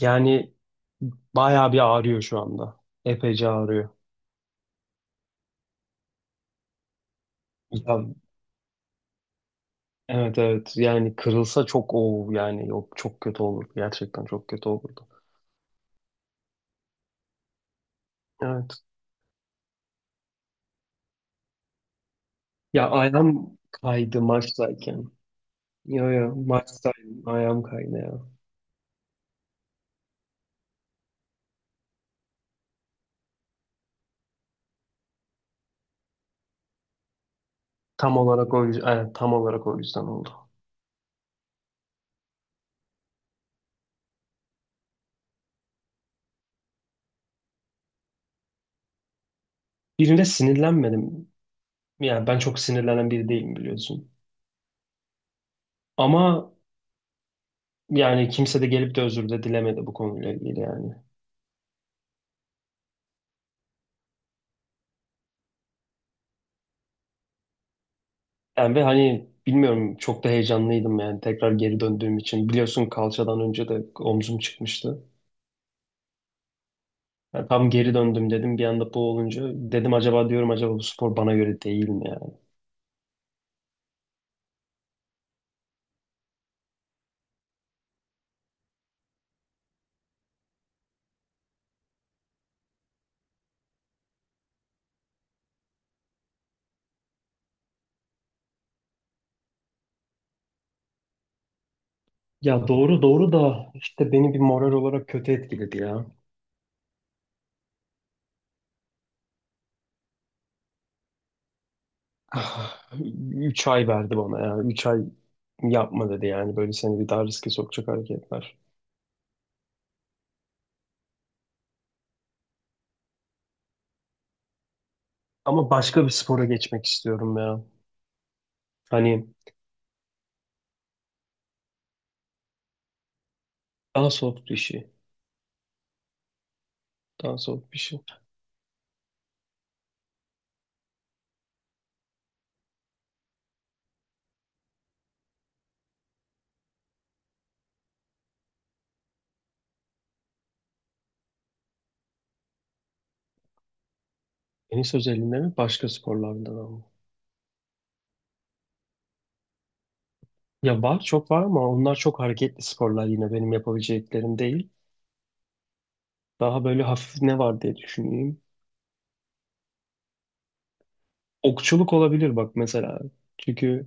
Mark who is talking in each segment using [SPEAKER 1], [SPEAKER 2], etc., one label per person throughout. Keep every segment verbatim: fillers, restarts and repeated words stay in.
[SPEAKER 1] Yani bayağı bir ağrıyor şu anda. Epeyce ağrıyor. Ya, evet evet yani kırılsa çok o yani yok çok kötü olurdu. Gerçekten çok kötü olurdu. Evet. Ya ayağım kaydı maçtayken. Yo yo maçtaydım ayağım kaydı ya. Tam olarak o yüzden, evet, tam olarak o yüzden oldu. Birine sinirlenmedim. Yani ben çok sinirlenen biri değilim biliyorsun. Ama yani kimse de gelip de özür de dilemedi bu konuyla ilgili yani. Yani ve hani bilmiyorum çok da heyecanlıydım yani tekrar geri döndüğüm için. Biliyorsun kalçadan önce de omzum çıkmıştı. Yani tam geri döndüm dedim bir anda bu olunca dedim acaba diyorum acaba bu spor bana göre değil mi yani? Ya doğru doğru da işte beni bir moral olarak kötü etkiledi ya. Ah, üç ay verdi bana ya. üç ay yapma dedi yani böyle seni bir daha riske sokacak hareketler. Ama başka bir spora geçmek istiyorum ya. Hani daha soft bir şey. Daha soft bir şey. Tenis özelinde mi başka sporlardan ama? Ya var çok var ama onlar çok hareketli sporlar yine benim yapabileceklerim değil. Daha böyle hafif ne var diye düşüneyim. Okçuluk olabilir bak mesela. Çünkü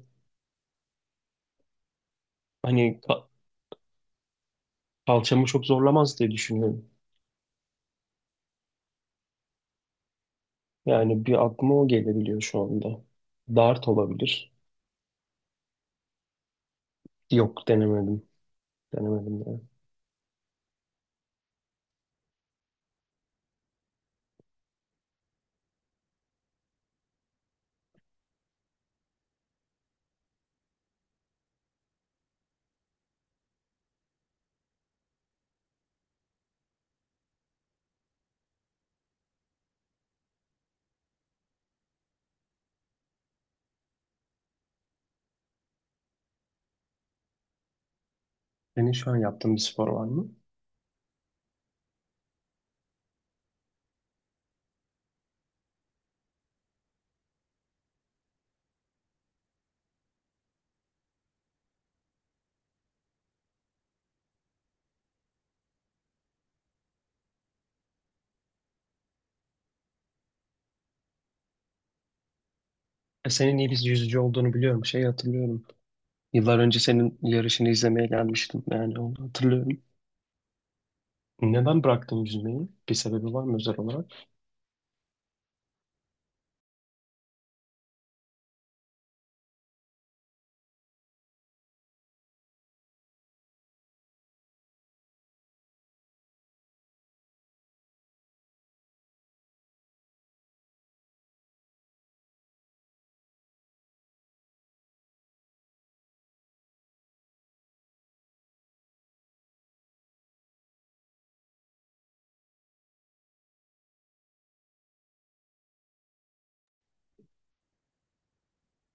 [SPEAKER 1] hani ka- kalçamı çok zorlamaz diye düşünüyorum. Yani bir aklıma o gelebiliyor şu anda. Dart olabilir. Yok denemedim. Denemedim yani. Senin şu an yaptığın bir spor var mı? E, senin iyi bir yüzücü olduğunu biliyorum. Şey hatırlıyorum. Yıllar önce senin yarışını izlemeye gelmiştim. Yani onu hatırlıyorum. Neden bıraktın yüzmeyi? Bir sebebi var mı özel olarak?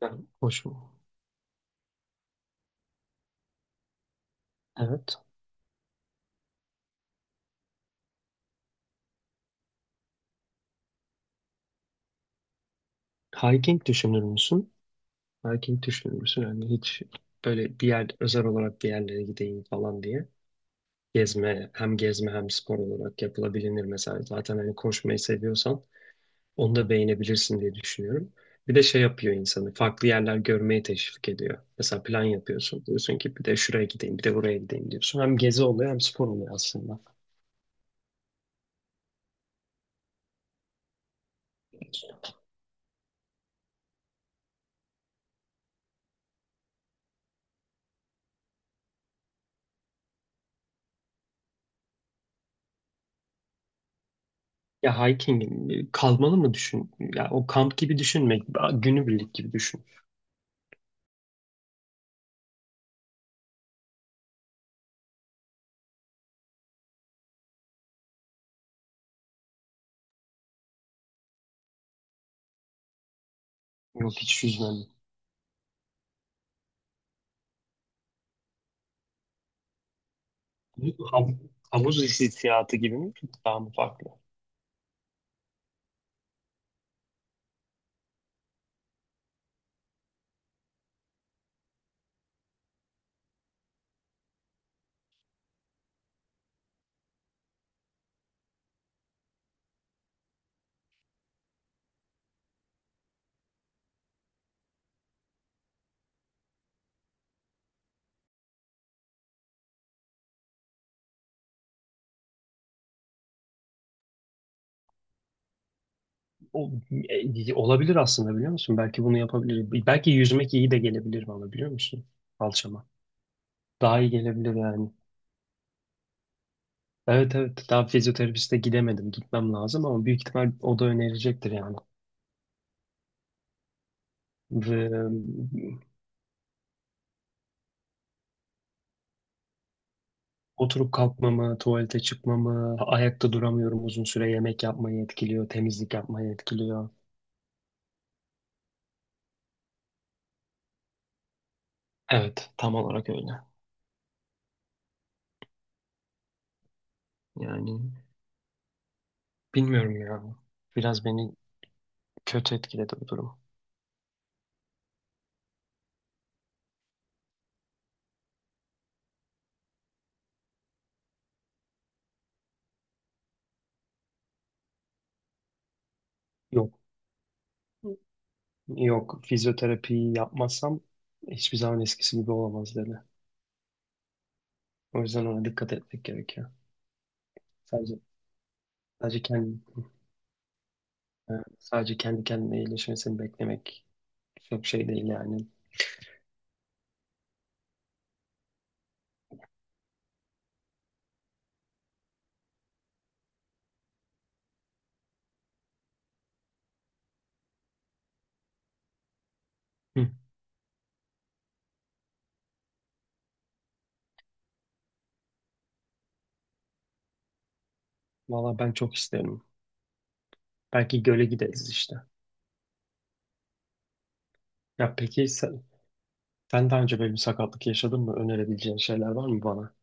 [SPEAKER 1] Yani hoş mu? Evet. Hiking düşünür müsün? Hiking düşünür müsün? Yani hiç böyle bir yer özel olarak bir yerlere gideyim falan diye. Gezme, hem gezme hem spor olarak yapılabilir mesela. Zaten hani koşmayı seviyorsan onu da beğenebilirsin diye düşünüyorum. Bir de şey yapıyor insanı. Farklı yerler görmeye teşvik ediyor. Mesela plan yapıyorsun. Diyorsun ki bir de şuraya gideyim, bir de buraya gideyim diyorsun. Hem gezi oluyor hem spor oluyor aslında. Ya hiking e, kalmalı mı düşün? Ya o kamp gibi düşünme, günübirlik gibi düşün. Yok hiç yüzmedim. Hav- Havuz hissiyatı gibi mi? Daha mı farklı? O, e, olabilir aslında biliyor musun? Belki bunu yapabilirim. Belki yüzmek iyi de gelebilir bana biliyor musun? Kalçama. Daha iyi gelebilir yani. Evet evet daha fizyoterapiste gidemedim. Gitmem lazım ama büyük ihtimal o da önerecektir yani. Ve oturup kalkmamı, tuvalete çıkmamı, ayakta duramıyorum uzun süre yemek yapmayı etkiliyor, temizlik yapmayı etkiliyor. Evet tam olarak öyle. Yani Bilmiyorum ya. Biraz beni kötü etkiledi bu durum. Yok, yok fizyoterapiyi yapmazsam hiçbir zaman eskisi gibi olamaz dedi. O yüzden ona dikkat etmek gerekiyor. Sadece sadece kendi sadece kendi kendine iyileşmesini beklemek çok şey değil yani. Hı. Valla ben çok isterim. Belki göle gideriz işte. Ya peki sen, sen daha önce böyle bir sakatlık yaşadın mı? Önerebileceğin şeyler var mı bana?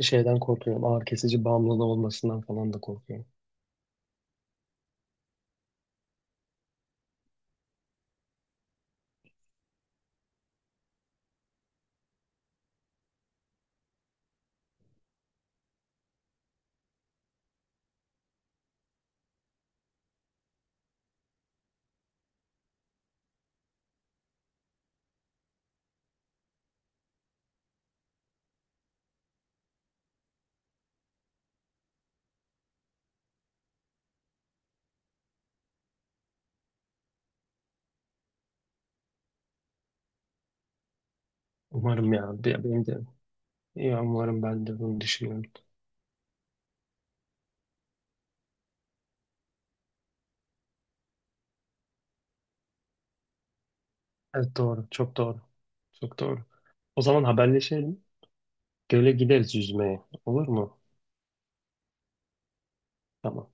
[SPEAKER 1] Şeyden korkuyorum. Ağrı kesici bağımlılığı olmasından falan da korkuyorum. Umarım ya. Be- Benim de İyi umarım ben de bunu düşünüyorum. Evet doğru. Çok doğru. Çok doğru. O zaman haberleşelim. Göle gideriz yüzmeye. Olur mu? Tamam.